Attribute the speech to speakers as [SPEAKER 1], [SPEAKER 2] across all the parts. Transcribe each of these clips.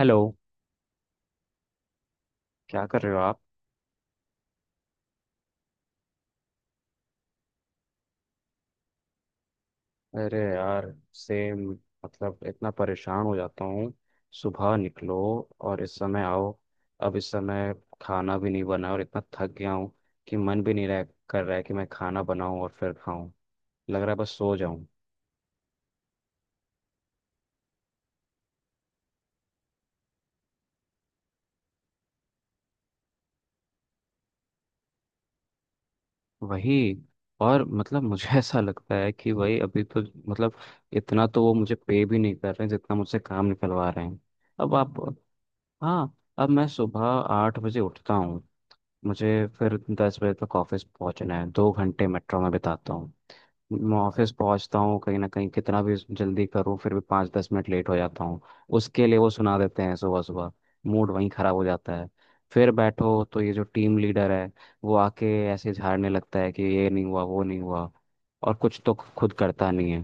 [SPEAKER 1] Hello. क्या कर रहे हो आप? अरे यार, सेम। मतलब इतना परेशान हो जाता हूँ। सुबह निकलो और इस समय आओ। अब इस समय खाना भी नहीं बना और इतना थक गया हूँ कि मन भी नहीं रह कर रहा है कि मैं खाना बनाऊं और फिर खाऊं। लग रहा है बस सो जाऊं। वही। और मतलब मुझे ऐसा लगता है कि वही अभी तो, मतलब, इतना तो वो मुझे पे भी नहीं कर रहे हैं जितना मुझसे काम निकलवा रहे हैं। अब आप। हाँ, अब मैं सुबह 8 बजे उठता हूँ मुझे, फिर 10 बजे तक ऑफिस पहुंचना है, 2 घंटे मेट्रो में बिताता हूँ, मैं ऑफिस पहुंचता हूँ। कहीं ना कहीं कितना भी जल्दी करूँ फिर भी 5-10 मिनट लेट हो जाता हूँ। उसके लिए वो सुना देते हैं सुबह सुबह। मूड वहीं खराब हो जाता है। फिर बैठो तो ये जो टीम लीडर है वो आके ऐसे झाड़ने लगता है कि ये नहीं हुआ वो नहीं हुआ, और कुछ तो खुद करता नहीं है।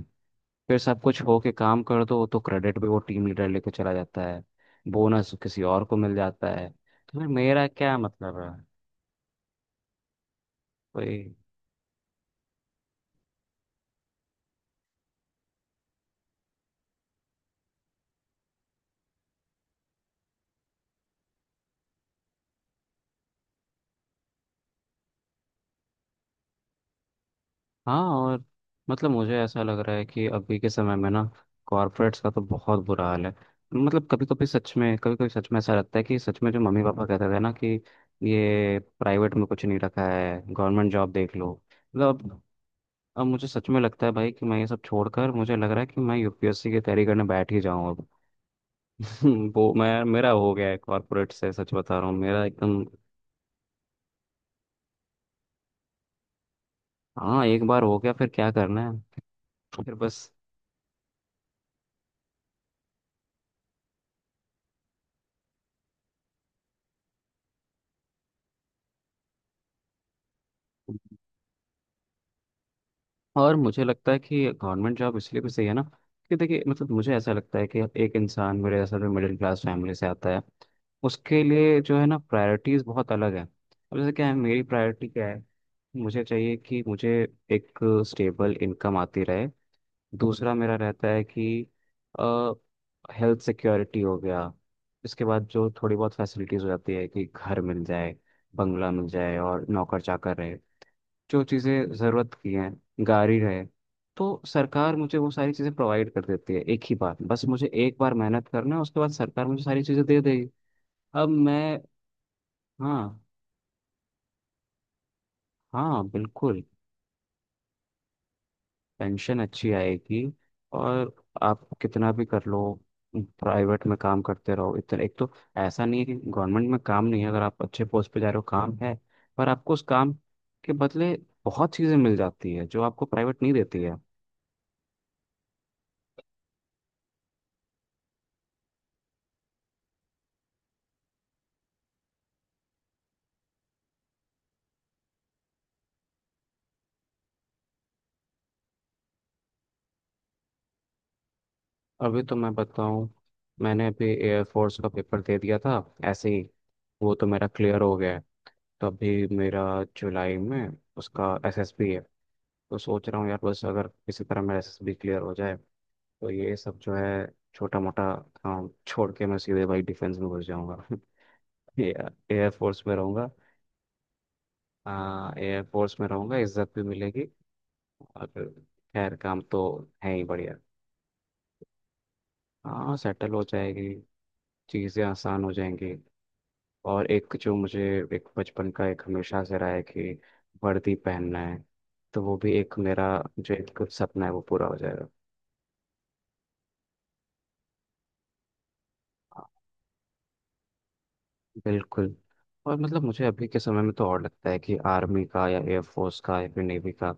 [SPEAKER 1] फिर सब कुछ हो के काम कर दो तो क्रेडिट भी वो टीम लीडर लेके चला जाता है, बोनस किसी और को मिल जाता है, तो फिर मेरा क्या मतलब है? कोई। हाँ, और मतलब मुझे ऐसा लग रहा है कि अभी के समय में ना, कॉर्पोरेट्स का तो बहुत बुरा हाल है। मतलब कभी कभी सच में ऐसा लगता है कि सच में जो मम्मी पापा कहते थे ना कि ये प्राइवेट में कुछ नहीं रखा है, गवर्नमेंट जॉब देख लो। मतलब अब मुझे सच में लगता है भाई कि मैं ये सब छोड़कर, मुझे लग रहा है कि मैं UPSC की तैयारी करने बैठ ही जाऊं अब। वो मैं मेरा हो गया है कॉर्पोरेट से, सच बता रहा हूँ, मेरा एकदम। हाँ, एक बार हो गया फिर क्या करना है, फिर बस। और मुझे लगता है कि गवर्नमेंट जॉब इसलिए भी सही है ना कि देखिए, मतलब मुझे ऐसा लगता है कि एक इंसान मेरे जैसा जो मिडिल क्लास फैमिली से आता है, उसके लिए जो है ना प्रायोरिटीज़ बहुत अलग है। अब जैसे क्या है, मेरी प्रायोरिटी क्या है? मुझे चाहिए कि मुझे एक स्टेबल इनकम आती रहे। दूसरा मेरा रहता है कि हेल्थ सिक्योरिटी हो गया। इसके बाद जो थोड़ी बहुत फैसिलिटीज़ हो जाती है कि घर मिल जाए, बंगला मिल जाए और नौकर चाकर रहे, जो चीज़ें ज़रूरत की हैं, गाड़ी है, तो सरकार मुझे वो सारी चीज़ें प्रोवाइड कर देती है। एक ही बार बस मुझे एक बार मेहनत करना है, उसके बाद सरकार मुझे सारी चीज़ें दे देगी। अब मैं। हाँ, हाँ बिल्कुल। पेंशन अच्छी आएगी और आप कितना भी कर लो, प्राइवेट में काम करते रहो इतना। एक तो ऐसा नहीं है कि गवर्नमेंट में काम नहीं है, अगर आप अच्छे पोस्ट पे जा रहे हो काम है, पर आपको उस काम के बदले बहुत चीज़ें मिल जाती है जो आपको प्राइवेट नहीं देती है। अभी तो मैं बताऊं, मैंने अभी एयरफोर्स का पेपर दे दिया था ऐसे ही, वो तो मेरा क्लियर हो गया है। तो अभी मेरा जुलाई में उसका SSB है, तो सोच रहा हूँ यार बस अगर किसी तरह मेरा SSB क्लियर हो जाए, तो ये सब जो है छोटा मोटा काम छोड़ के मैं सीधे भाई डिफेंस में घुस जाऊंगा। एयरफोर्स में रहूंगा। हाँ, एयरफोर्स में रहूंगा, इज्जत भी मिलेगी और खैर काम तो है ही बढ़िया। हाँ, सेटल हो जाएगी, चीज़ें आसान हो जाएंगी। और एक जो मुझे एक बचपन का एक हमेशा से रहा है कि वर्दी पहनना है, तो वो भी एक मेरा जो एक सपना है वो पूरा हो जाएगा। हाँ, बिल्कुल। और मतलब मुझे अभी के समय में तो और लगता है कि आर्मी का या एयरफोर्स का या फिर नेवी का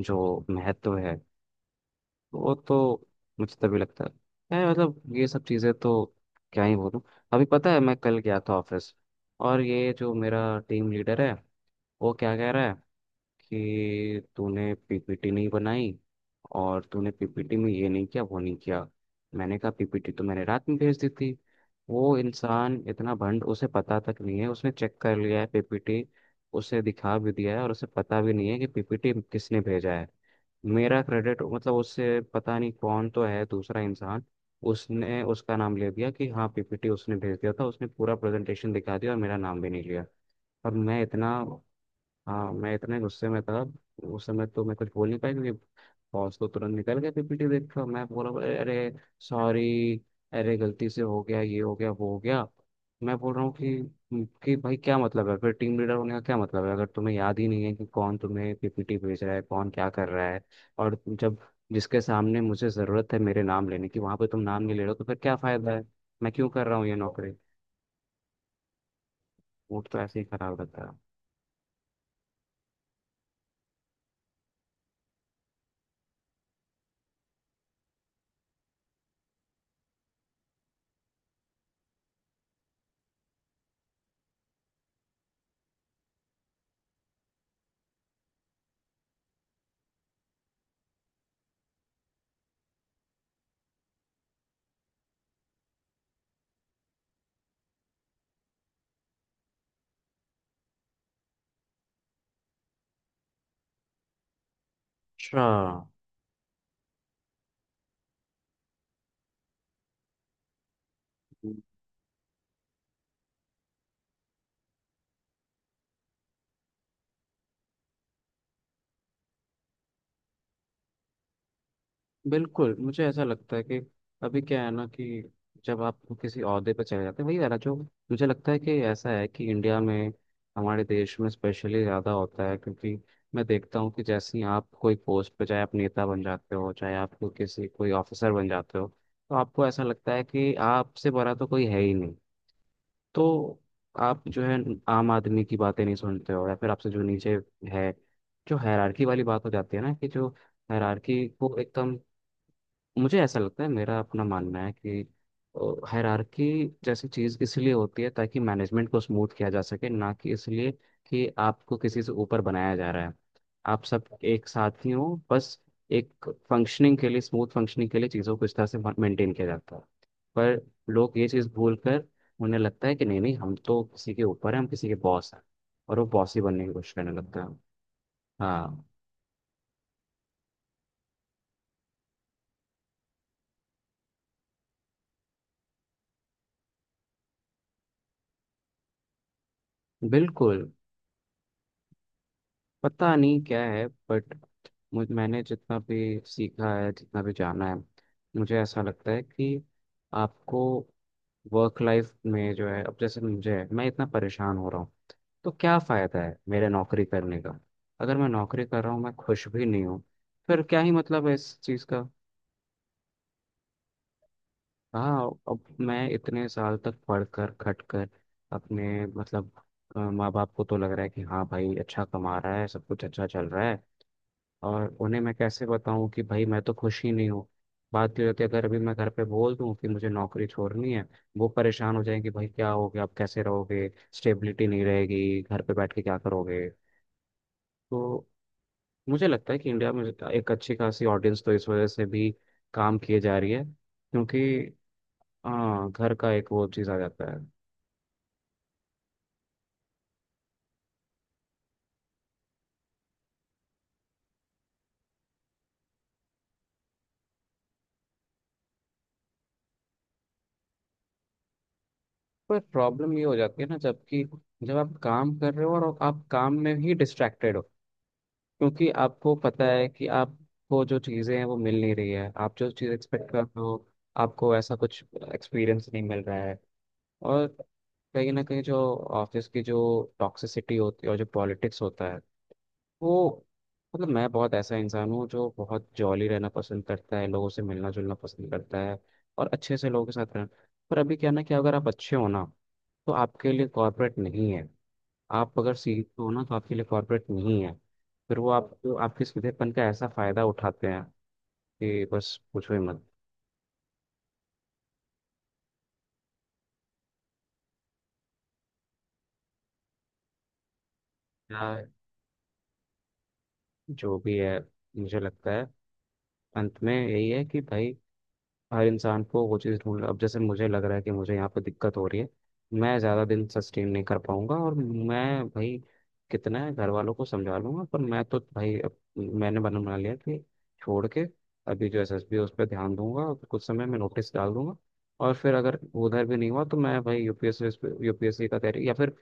[SPEAKER 1] जो महत्व है वो तो मुझे तभी लगता है, मतलब ये सब चीज़ें तो क्या ही बोलूँ। अभी पता है मैं कल गया था ऑफिस और ये जो मेरा टीम लीडर है वो क्या कह रहा है कि तूने PPT नहीं बनाई, और तूने PPT में ये नहीं किया वो नहीं किया। मैंने कहा, PPT तो मैंने रात में भेज दी थी। वो इंसान इतना भंड, उसे पता तक नहीं है, उसने चेक कर लिया है PPT, उसे दिखा भी दिया है और उसे पता भी नहीं है कि PPT किसने भेजा है। मेरा क्रेडिट मतलब उससे पता नहीं कौन तो है दूसरा इंसान, उसने उसका नाम ले दिया कि हाँ PPT उसने भेज दिया था, उसने पूरा प्रेजेंटेशन दिखा दिया और मेरा नाम भी नहीं लिया। और मैं इतना। हाँ, मैं इतने गुस्से में था, उस समय तो मैं कुछ बोल नहीं पाया क्योंकि बॉस तो तुरंत निकल गए PPT देखकर। मैं बोला, अरे अरे सॉरी, अरे गलती से हो गया ये हो गया वो हो गया। मैं बोल रहा हूँ कि भाई क्या मतलब है, फिर टीम लीडर होने का क्या मतलब है अगर तुम्हें याद ही नहीं है कि कौन तुम्हें PPT भेज रहा है, कौन क्या कर रहा है। और जब जिसके सामने मुझे ज़रूरत है मेरे नाम लेने की वहाँ पे तुम नाम नहीं ले रहे हो तो फिर क्या फ़ायदा है? मैं क्यों कर रहा हूँ ये नौकरी? मूड तो ऐसे ही खराब रहता है। अच्छा, बिल्कुल, मुझे ऐसा लगता है कि अभी क्या है ना कि जब आप किसी ओहदे पर चले जाते हैं वही वाला जो, मुझे लगता है कि ऐसा है कि इंडिया में, हमारे देश में स्पेशली ज़्यादा होता है, क्योंकि मैं देखता हूँ कि जैसे ही आप कोई पोस्ट पे, चाहे आप नेता बन जाते हो चाहे आप कोई किसी कोई ऑफिसर बन जाते हो, तो आपको ऐसा लगता है कि आपसे बड़ा तो कोई है ही नहीं, तो आप जो है आम आदमी की बातें नहीं सुनते हो, या फिर आपसे जो नीचे है, जो हायरार्की वाली बात हो जाती है ना कि जो हायरार्की को एकदम। मुझे ऐसा लगता है, मेरा अपना मानना है कि हायरार्की जैसी चीज़ इसलिए होती है ताकि मैनेजमेंट को स्मूथ किया जा सके, ना कि इसलिए कि आपको किसी से ऊपर बनाया जा रहा है। आप सब एक साथ ही हो बस, एक फंक्शनिंग के लिए, स्मूथ फंक्शनिंग के लिए चीज़ों को इस तरह से मेंटेन किया जाता है। पर लोग ये चीज़ भूल कर उन्हें लगता है कि नहीं नहीं हम तो किसी के ऊपर हैं, हम किसी के बॉस हैं, और वो बॉस ही बनने की कोशिश करने लगता है। हाँ, बिल्कुल, पता नहीं क्या है बट, मुझ मैंने जितना भी सीखा है, जितना भी जाना है, मुझे ऐसा लगता है कि आपको वर्क लाइफ में जो है, अब जैसे मुझे है मैं इतना परेशान हो रहा हूँ, तो क्या फ़ायदा है मेरे नौकरी करने का? अगर मैं नौकरी कर रहा हूँ मैं खुश भी नहीं हूँ, फिर क्या ही मतलब है इस चीज़ का? हाँ, अब मैं इतने साल तक पढ़ कर, खट कर अपने मतलब, माँ बाप को तो लग रहा है कि हाँ भाई अच्छा कमा रहा है, सब कुछ अच्छा चल रहा है, और उन्हें मैं कैसे बताऊं कि भाई मैं तो खुश ही नहीं हूँ। बात ये होती है, अगर अभी मैं घर पे बोल दूं कि मुझे नौकरी छोड़नी है, वो परेशान हो जाएंगे, भाई क्या हो गया, आप कैसे रहोगे, स्टेबिलिटी नहीं रहेगी, घर पे बैठ के क्या करोगे। तो मुझे लगता है कि इंडिया में एक अच्छी खासी ऑडियंस तो इस वजह से भी काम किए जा रही है क्योंकि हाँ, घर का एक वो चीज़ आ जाता है। पर प्रॉब्लम ये हो जाती है ना, जबकि जब आप काम कर रहे हो और आप काम में ही डिस्ट्रैक्टेड हो, क्योंकि आपको पता है कि आपको जो चीज़ें हैं वो मिल नहीं रही है, आप जो चीज़ एक्सपेक्ट कर रहे हो, आपको ऐसा कुछ एक्सपीरियंस नहीं मिल रहा है। और कहीं ना कहीं जो ऑफिस की जो टॉक्सिसिटी होती है और जो पॉलिटिक्स होता है, वो, मतलब मैं बहुत ऐसा इंसान हूँ जो बहुत जॉली रहना पसंद करता है, लोगों से मिलना जुलना पसंद करता है और अच्छे से लोगों के साथ रहना। पर अभी क्या है ना कि अगर आप अच्छे हो ना तो आपके लिए कॉर्पोरेट नहीं है, आप अगर सीखते हो ना तो आपके लिए कॉर्पोरेट नहीं है, फिर वो आप तो आपके सीधेपन का ऐसा फायदा उठाते हैं कि बस पूछो ही मत। या जो भी है, मुझे लगता है अंत में यही है कि भाई हर इंसान को वो चीज़ ढूंढ। अब जैसे मुझे लग रहा है कि मुझे यहाँ पे दिक्कत हो रही है, मैं ज़्यादा दिन सस्टेन नहीं कर पाऊंगा, और मैं भाई कितना है घर वालों को समझा लूंगा, पर मैं तो भाई अब मैंने बना बना लिया कि छोड़ के अभी जो SSB है उस पर ध्यान दूंगा और कुछ समय में नोटिस डाल दूंगा। और फिर अगर उधर भी नहीं हुआ तो मैं भाई यूपीएससी यूपीएससी का तैयारी, या फिर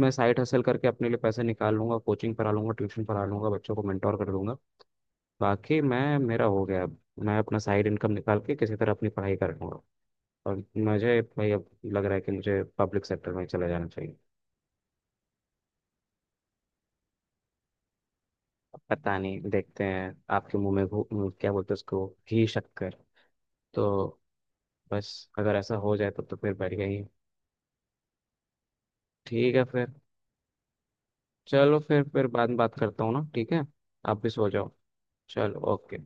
[SPEAKER 1] मैं साइड हसल करके अपने लिए पैसे निकाल लूंगा, कोचिंग पढ़ा लूंगा, ट्यूशन पढ़ा लूंगा, बच्चों को मेंटोर कर दूंगा। बाकी मैं मेरा हो गया अब, मैं अपना साइड इनकम निकाल के किसी तरह अपनी पढ़ाई कर लूंगा। और मुझे भाई अब लग रहा है कि मुझे पब्लिक सेक्टर में चला जाना चाहिए। अब पता नहीं देखते हैं, आपके मुंह में क्या बोलते हैं उसको, घी शक्कर। तो बस, अगर ऐसा हो जाए तब तो फिर बढ़िया ही है। ठीक है फिर, चलो फिर बाद में बात करता हूँ ना, ठीक है, आप भी सो जाओ। चलो, ओके,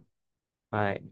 [SPEAKER 1] बाय।